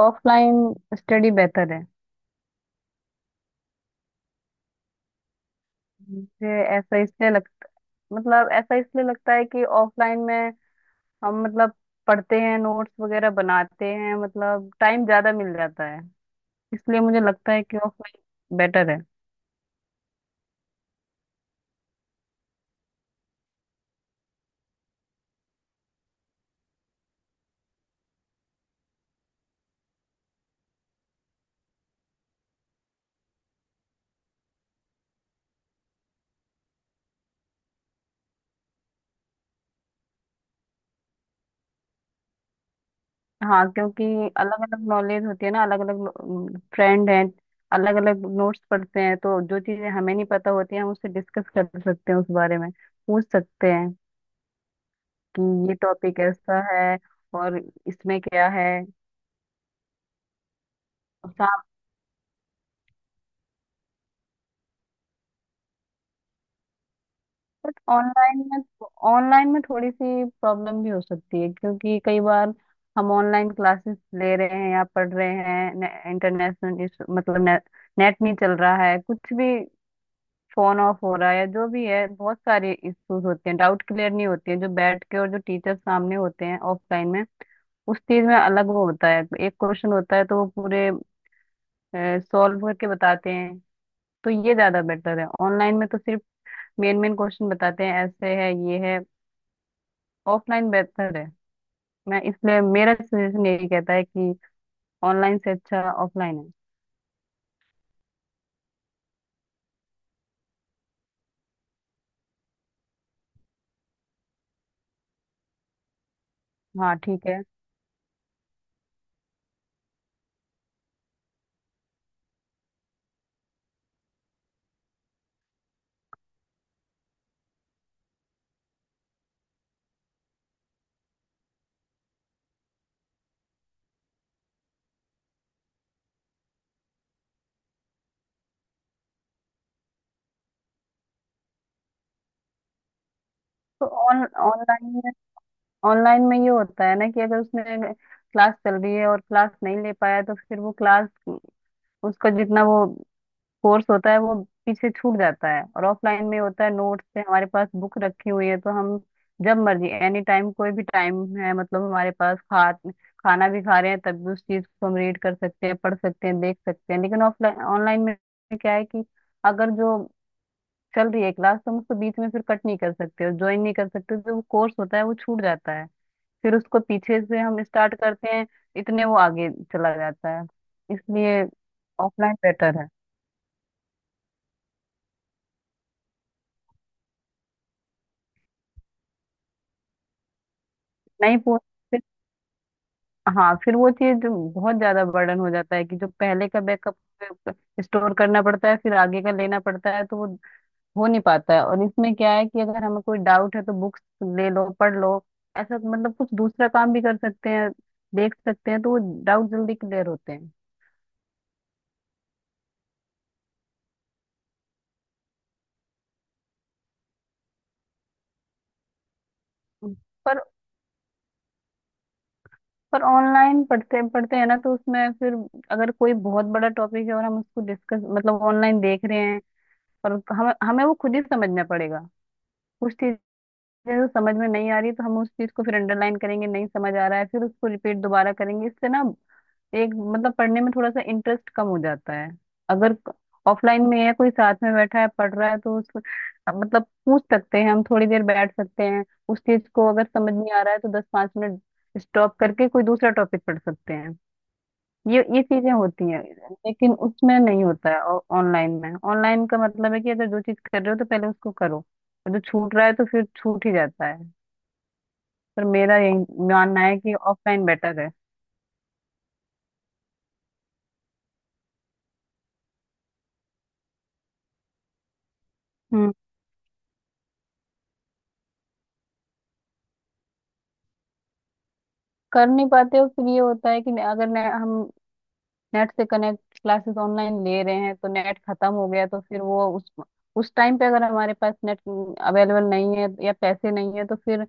Offline study बेहतर है। मुझे ऐसा इसलिए लग मतलब ऐसा इसलिए लगता है कि ऑफलाइन में हम मतलब पढ़ते हैं, नोट्स वगैरह बनाते हैं, मतलब टाइम ज्यादा मिल जाता है। इसलिए मुझे लगता है कि ऑफलाइन बेटर है। हाँ, क्योंकि अलग अलग नॉलेज होती है ना, अलग अलग फ्रेंड हैं, अलग अलग नोट्स पढ़ते हैं, तो जो चीजें हमें नहीं पता होती हैं हम उससे डिस्कस कर सकते हैं, उस बारे में पूछ सकते हैं कि ये टॉपिक ऐसा है और इसमें क्या है। बट ऑनलाइन में थोड़ी सी प्रॉब्लम भी हो सकती है, क्योंकि कई बार हम ऑनलाइन क्लासेस ले रहे हैं या पढ़ रहे हैं इंटरनेशनल, मतलब ने, नेट नहीं चल रहा है, कुछ भी फोन ऑफ हो रहा है या जो भी है, बहुत सारे इश्यूज होते हैं, डाउट क्लियर नहीं होते हैं जो बैठ के, और जो टीचर सामने होते हैं ऑफलाइन में उस चीज में अलग वो होता है। एक क्वेश्चन होता है तो वो पूरे सॉल्व करके बताते हैं, तो ये ज्यादा बेटर है। ऑनलाइन में तो सिर्फ मेन मेन क्वेश्चन बताते हैं, ऐसे है ये है। ऑफलाइन बेहतर है। मैं इसलिए मेरा सजेशन यही कहता है कि ऑनलाइन से अच्छा ऑफलाइन है। हाँ ठीक है। तो ऑन ऑनलाइन में ऑनलाइन में ये होता है ना कि अगर उसने, क्लास चल रही है और क्लास नहीं ले पाया तो फिर वो क्लास, उसका जितना वो कोर्स होता है वो पीछे छूट जाता है। और ऑफलाइन में होता है नोट्स पे, हमारे पास बुक रखी हुई है, तो हम जब मर्जी, एनी टाइम, कोई भी टाइम है, मतलब हमारे पास खा खाना भी खा रहे हैं तब भी उस चीज को हम रीड कर सकते हैं, पढ़ सकते हैं, देख सकते हैं। लेकिन ऑफलाइन ऑनलाइन में क्या है कि अगर जो चल रही है क्लास तो हम उसको बीच में फिर कट नहीं कर सकते और ज्वाइन नहीं कर सकते, जो वो कोर्स होता है वो छूट जाता है। फिर उसको पीछे से हम स्टार्ट करते हैं, इतने वो आगे चला जाता है। इसलिए ऑफलाइन बेटर है। नहीं पूछ हाँ, फिर वो चीज बहुत ज्यादा बर्डन हो जाता है कि जो पहले का बैकअप स्टोर करना पड़ता है, फिर आगे का लेना पड़ता है, तो वो हो नहीं पाता है। और इसमें क्या है कि अगर हमें कोई डाउट है तो बुक्स ले लो, पढ़ लो, ऐसा मतलब कुछ दूसरा काम भी कर सकते हैं, देख सकते हैं, तो वो डाउट जल्दी क्लियर होते हैं। पर पर ऑनलाइन पढ़ते पढ़ते हैं ना तो उसमें फिर अगर कोई बहुत बड़ा टॉपिक है और हम उसको डिस्कस, मतलब ऑनलाइन देख रहे हैं, और हम हमें वो खुद ही समझना पड़ेगा। कुछ जो समझ में नहीं आ रही तो हम उस चीज को फिर अंडरलाइन करेंगे, नहीं समझ आ रहा है फिर उसको रिपीट दोबारा करेंगे, इससे ना एक मतलब पढ़ने में थोड़ा सा इंटरेस्ट कम हो जाता है। अगर ऑफलाइन में है कोई साथ में बैठा है पढ़ रहा है तो उस मतलब पूछ सकते हैं, हम थोड़ी देर बैठ सकते हैं उस चीज को, अगर समझ नहीं आ रहा है तो दस पांच मिनट स्टॉप करके कोई दूसरा टॉपिक पढ़ सकते हैं। ये चीजें होती हैं लेकिन उसमें नहीं होता है। ऑनलाइन का मतलब है कि अगर जो चीज कर रहे हो तो पहले उसको करो, और जो छूट रहा है तो फिर छूट ही जाता है। पर मेरा ये मानना है कि ऑफलाइन बेटर है। हम्म। कर नहीं पाते हो। फिर ये होता है कि अगर हम नेट से कनेक्ट क्लासेस ऑनलाइन ले रहे हैं तो नेट खत्म हो गया तो फिर वो उस टाइम पे अगर हमारे पास नेट अवेलेबल नहीं है या पैसे नहीं है तो फिर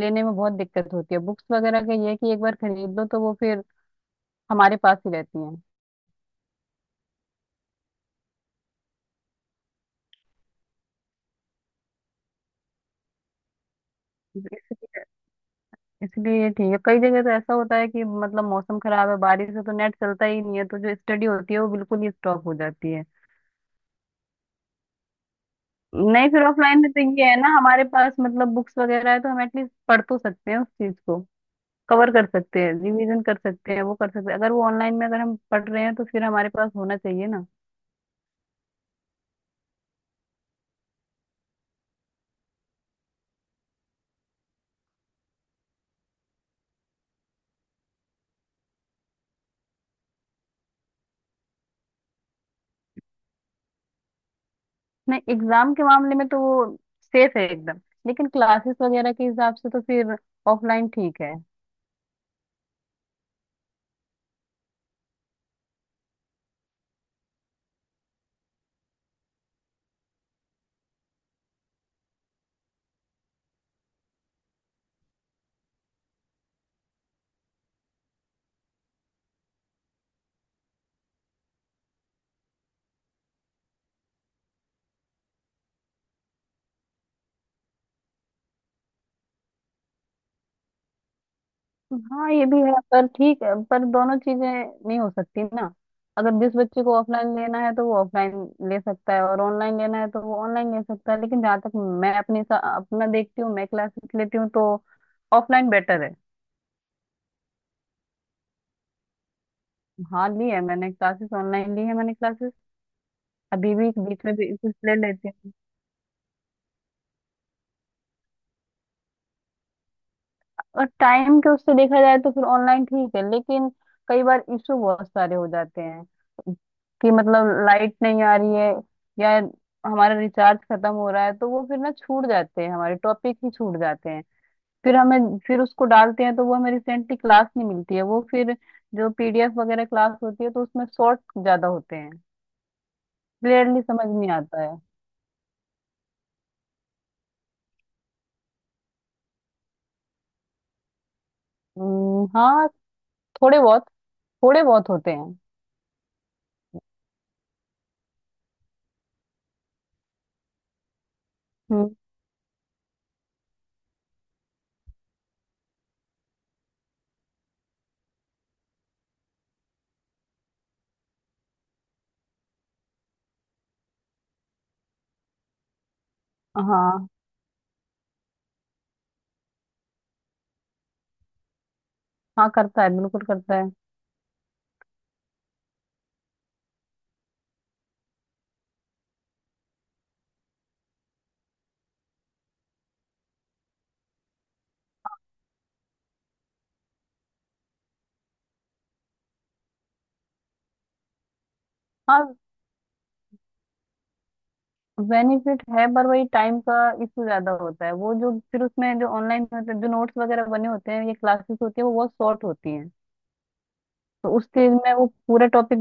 लेने में बहुत दिक्कत होती है। बुक्स वगैरह का ये है कि एक बार खरीद लो तो वो फिर हमारे पास ही रहती हैं। इसलिए इसलिए ये ठीक है। कई जगह तो ऐसा होता है कि मतलब मौसम खराब है, बारिश है, तो नेट चलता ही नहीं है, तो जो स्टडी होती है वो बिल्कुल ही स्टॉप हो जाती है। नहीं, फिर ऑफलाइन में तो ये है ना, हमारे पास मतलब बुक्स वगैरह है तो हम एटलीस्ट पढ़ तो सकते हैं, उस चीज को कवर कर सकते हैं, रिवीजन कर सकते हैं, वो कर सकते हैं। अगर वो ऑनलाइन में अगर हम पढ़ रहे हैं तो फिर हमारे पास होना चाहिए ना। नहीं, एग्जाम के मामले में तो वो सेफ है एकदम, लेकिन क्लासेस वगैरह के हिसाब से तो फिर ऑफलाइन ठीक है। हाँ ये भी है, पर ठीक है, पर दोनों चीजें नहीं हो सकती ना। अगर जिस बच्चे को ऑफलाइन लेना है तो वो ऑफलाइन ले सकता है और ऑनलाइन लेना है तो वो ऑनलाइन ले सकता है, लेकिन जहाँ तक अपना देखती हूँ, मैं क्लासेस लेती हूँ तो ऑफलाइन बेटर है। हाँ, ली है मैंने क्लासेस, ऑनलाइन ली है मैंने क्लासेस, अभी भी बीच में भी कुछ ले लेती हूँ। और टाइम के उससे देखा जाए तो फिर ऑनलाइन ठीक है, लेकिन कई बार इशू बहुत सारे हो जाते हैं कि मतलब लाइट नहीं आ रही है, या हमारा रिचार्ज खत्म हो रहा है, तो वो फिर ना छूट जाते हैं, हमारे टॉपिक ही छूट जाते हैं। फिर हमें फिर उसको डालते हैं तो वो हमें रिसेंटली क्लास नहीं मिलती है, वो फिर जो पीडीएफ वगैरह क्लास होती है तो उसमें शॉर्ट ज्यादा होते हैं, क्लियरली समझ नहीं आता है। हाँ, थोड़े बहुत थोड़े बहुत होते हैं। हम्म, हाँ। हाँ, करता है, बिल्कुल करता है। हाँ। बेनिफिट है, पर वही टाइम का इशू ज्यादा होता है। वो जो फिर उसमें जो ऑनलाइन मतलब जो नोट्स वगैरह बने होते हैं या क्लासेस होती है वो बहुत शॉर्ट होती हैं, तो उस चीज में वो पूरा टॉपिक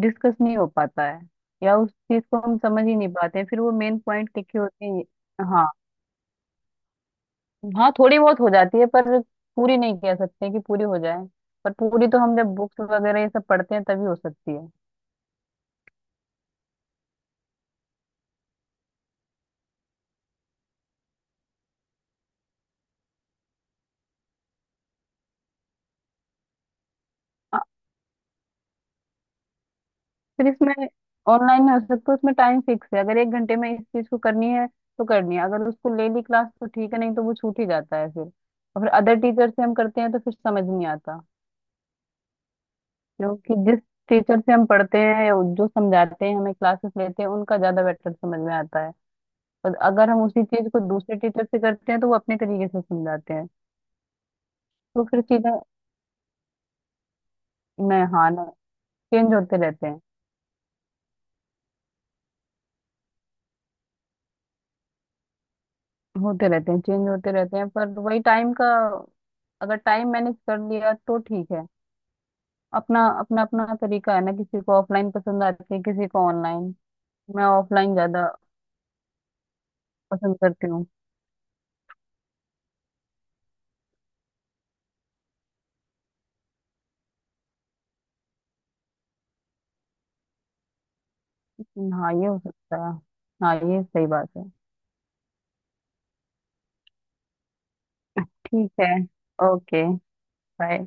डिस्कस नहीं हो पाता है, या उस चीज को हम समझ ही नहीं पाते हैं, फिर वो मेन पॉइंट लिखे होते हैं। हाँ। हाँ थोड़ी बहुत हो जाती है, पर पूरी नहीं कह सकते कि पूरी हो जाए। पर पूरी तो हम जब बुक्स वगैरह ये सब पढ़ते हैं तभी हो सकती है। फिर इसमें ऑनलाइन में हो सकता है, उसमें टाइम फिक्स है, अगर एक घंटे में इस चीज को करनी है तो करनी है। अगर उसको ले ली क्लास तो ठीक है, नहीं तो वो छूट ही जाता है फिर, और फिर अदर टीचर से हम करते हैं तो फिर समझ नहीं आता। क्योंकि जिस टीचर से हम पढ़ते हैं या जो समझाते हैं हमें, क्लासेस लेते हैं, उनका ज्यादा बेटर समझ में आता है। और अगर हम उसी चीज को दूसरे टीचर से करते हैं तो वो अपने तरीके से समझाते हैं, तो फिर चीजें, न हाँ न चेंज होते रहते हैं, होते रहते हैं, चेंज होते रहते हैं, पर वही टाइम का, अगर टाइम मैनेज कर लिया तो ठीक है। अपना अपना अपना तरीका है ना, किसी को ऑफलाइन पसंद आती है, किसी को ऑनलाइन। मैं ऑफलाइन ज्यादा पसंद करती हूँ। हाँ ये हो सकता है। हाँ ये सही बात है। ठीक है। ओके। बाय।